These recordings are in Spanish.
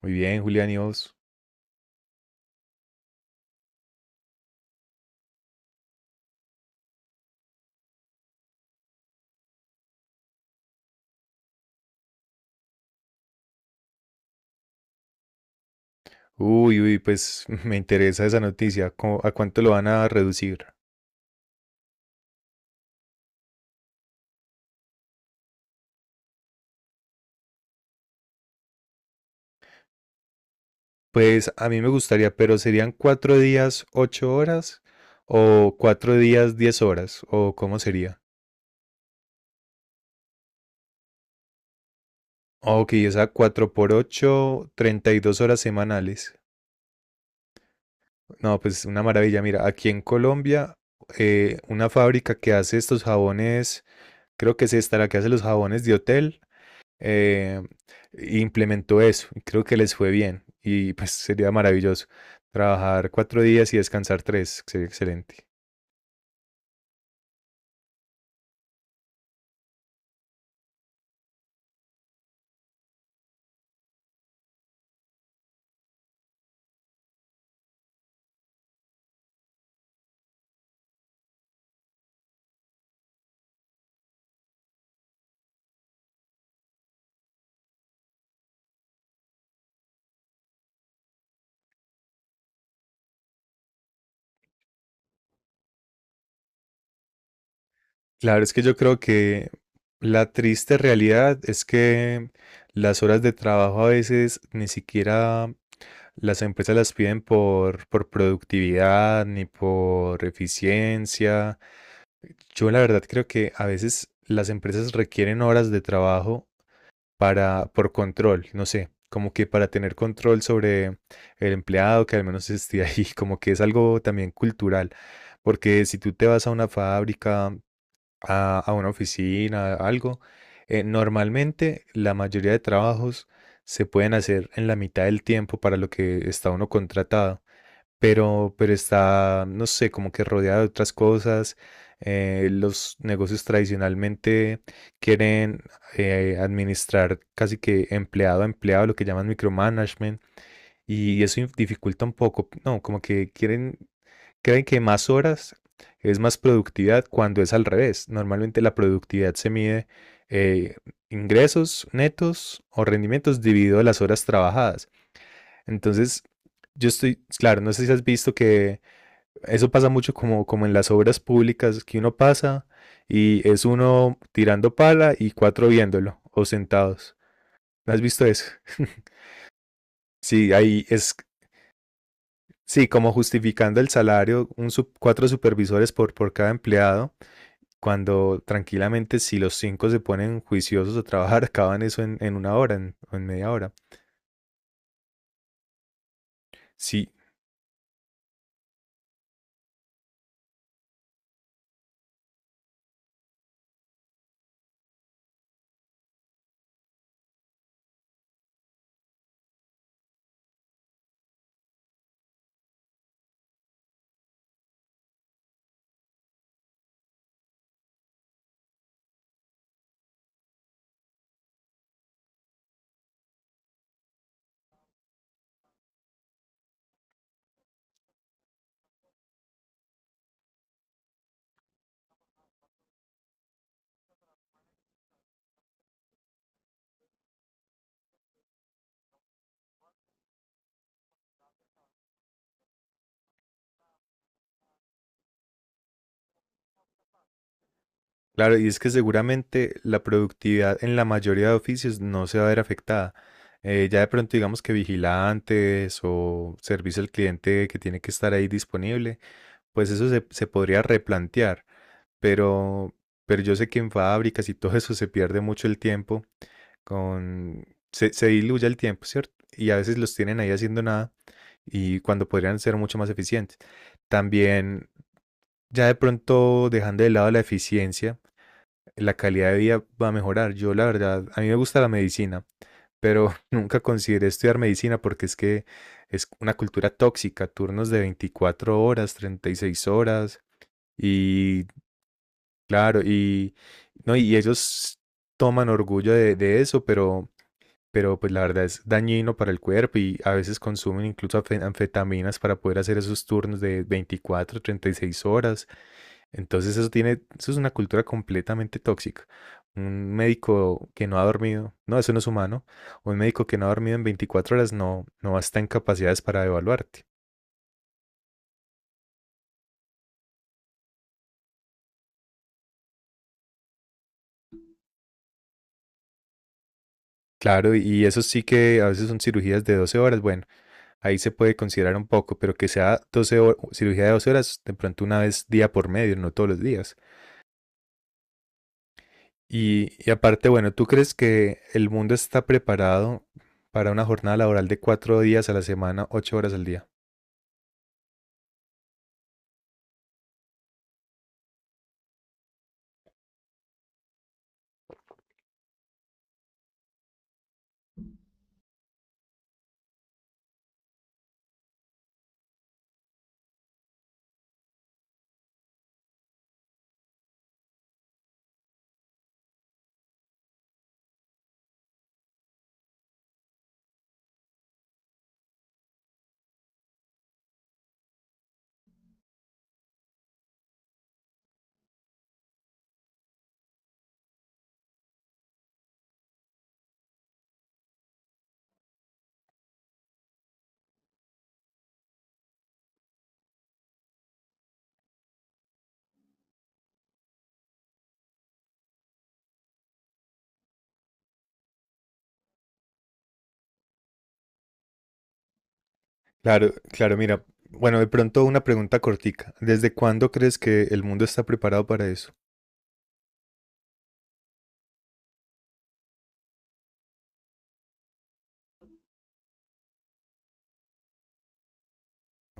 Muy bien, Julián, ¿y vos? Uy, uy, pues me interesa esa noticia. ¿A cuánto lo van a reducir? Pues a mí me gustaría, pero ¿serían cuatro días, ocho horas? ¿O cuatro días, diez horas? ¿O cómo sería? Ok, esa 4 por 8, 32 horas semanales. No, pues una maravilla. Mira, aquí en Colombia, una fábrica que hace estos jabones, creo que es esta la que hace los jabones de hotel. eh, implementó eso y creo que les fue bien y pues sería maravilloso trabajar cuatro días y descansar tres, sería excelente. Claro, es que yo creo que la triste realidad es que las horas de trabajo a veces ni siquiera las empresas las piden por productividad ni por eficiencia. Yo la verdad creo que a veces las empresas requieren horas de trabajo para, por control, no sé, como que para tener control sobre el empleado que al menos esté ahí, como que es algo también cultural, porque si tú te vas a una fábrica, a una oficina, a algo, normalmente la mayoría de trabajos se pueden hacer en la mitad del tiempo para lo que está uno contratado pero está, no sé, como que rodeada de otras cosas. Los negocios tradicionalmente quieren administrar casi que empleado a empleado, lo que llaman micromanagement, y eso dificulta un poco, no, como que quieren, creen que más horas es más productividad cuando es al revés. Normalmente la productividad se mide eh, ingresos netos o rendimientos dividido las horas trabajadas. Entonces, yo estoy, claro, no sé si has visto que eso pasa mucho como, como en las obras públicas, que uno pasa y es uno tirando pala y cuatro viéndolo o sentados. ¿No has visto eso? Sí, ahí es, sí, como justificando el salario, cuatro supervisores por cada empleado, cuando tranquilamente si los cinco se ponen juiciosos a trabajar, acaban eso en una hora o en media hora. Sí, claro, y es que seguramente la productividad en la mayoría de oficios no se va a ver afectada. Ya de pronto digamos que vigilantes o servicio al cliente que tiene que estar ahí disponible, pues eso se podría replantear, pero, pero yo sé que en fábricas y todo eso se pierde mucho el tiempo, con, se diluye el tiempo, ¿cierto? Y a veces los tienen ahí haciendo nada y cuando podrían ser mucho más eficientes. También ya de pronto dejando de lado la eficiencia la calidad de vida va a mejorar. Yo, la verdad, a mí me gusta la medicina, pero nunca consideré estudiar medicina porque es que es una cultura tóxica, turnos de 24 horas, 36 horas, y claro, y, no, y ellos toman orgullo de eso, pero pues la verdad es dañino para el cuerpo y a veces consumen incluso anfetaminas para poder hacer esos turnos de 24 36 horas entonces eso tiene, eso es una cultura completamente tóxica. Un médico que no ha dormido, no, eso no es humano. Un médico que no ha dormido en 24 horas no, no está en capacidades para evaluarte. Claro, y eso sí que a veces son cirugías de 12 horas, bueno, ahí se puede considerar un poco, pero que sea cirugía de 12 horas, de pronto una vez día por medio, no todos los días. Y aparte, bueno, ¿tú crees que el mundo está preparado para una jornada laboral de cuatro días a la semana, ocho horas al día? Claro, claro, mira, bueno, de pronto una pregunta cortica. ¿Desde cuándo crees que el mundo está preparado para eso?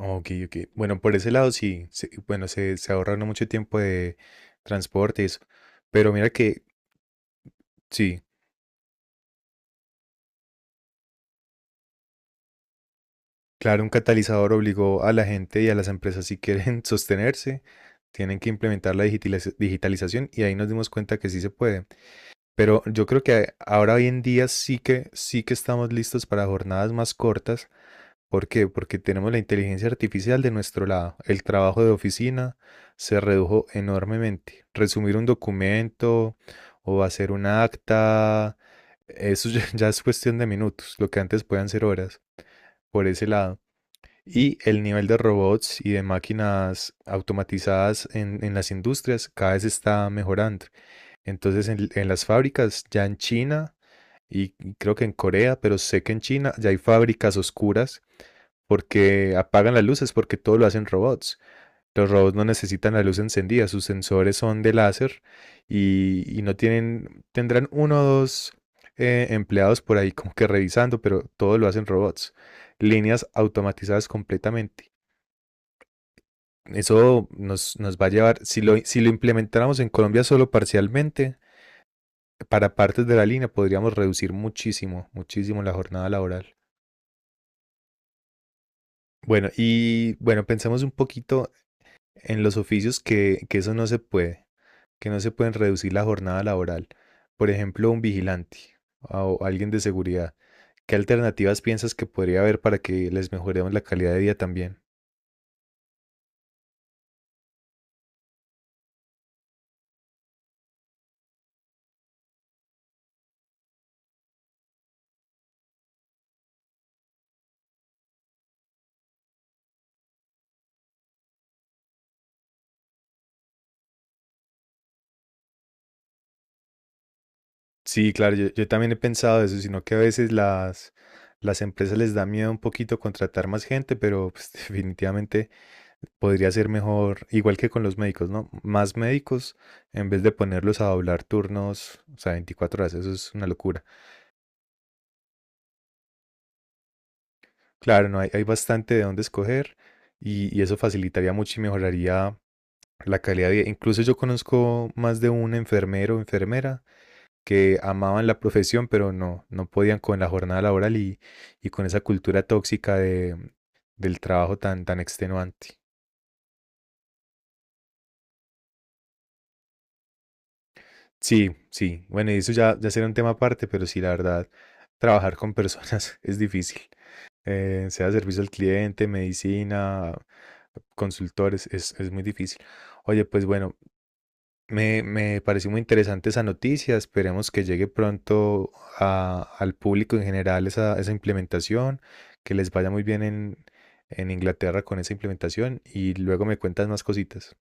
Ok, ok. Bueno, por ese lado sí, sí, bueno, se ahorra uno mucho tiempo de transporte y eso. Pero mira que sí, claro, un catalizador obligó a la gente y a las empresas si quieren sostenerse, tienen que implementar la digitalización y ahí nos dimos cuenta que sí se puede. Pero yo creo que ahora hoy en día sí que estamos listos para jornadas más cortas. ¿Por qué? Porque tenemos la inteligencia artificial de nuestro lado. El trabajo de oficina se redujo enormemente. Resumir un documento o hacer una acta, eso ya, ya es cuestión de minutos, lo que antes podían ser horas, por ese lado. Y el nivel de robots y de máquinas automatizadas en las industrias cada vez está mejorando. Entonces en las fábricas, ya en China y creo que en Corea, pero sé que en China ya hay fábricas oscuras porque apagan las luces, porque todo lo hacen robots. Los robots no necesitan la luz encendida, sus sensores son de láser y no tienen, tendrán uno o dos empleados por ahí como que revisando, pero todo lo hacen robots. Líneas automatizadas completamente. Eso nos, nos va a llevar, si lo, si lo implementáramos en Colombia solo parcialmente, para partes de la línea podríamos reducir muchísimo, muchísimo la jornada laboral. Bueno, y bueno, pensemos un poquito en los oficios que eso no se puede, que no se pueden reducir la jornada laboral. Por ejemplo, un vigilante o alguien de seguridad. ¿Qué alternativas piensas que podría haber para que les mejoremos la calidad de vida también? Sí, claro, yo también he pensado eso, sino que a veces las empresas les da miedo un poquito contratar más gente, pero pues, definitivamente podría ser mejor, igual que con los médicos, ¿no? Más médicos en vez de ponerlos a doblar turnos, o sea, 24 horas, eso es una locura. Claro, no, hay bastante de dónde escoger y eso facilitaría mucho y mejoraría la calidad de vida. Incluso yo conozco más de un enfermero o enfermera que amaban la profesión, pero no, no podían con la jornada laboral y con esa cultura tóxica de, del trabajo tan, tan extenuante. Sí, sí. Bueno, y eso ya, ya será un tema aparte, pero sí, la verdad, trabajar con personas es difícil. Sea servicio al cliente, medicina, consultores, es muy difícil. Oye, pues bueno, me pareció muy interesante esa noticia. Esperemos que llegue pronto al público en general esa, esa implementación, que les vaya muy bien en Inglaterra con esa implementación y luego me cuentas más cositas.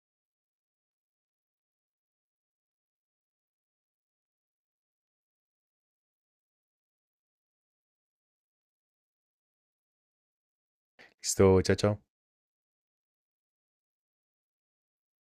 Listo, chao, chao.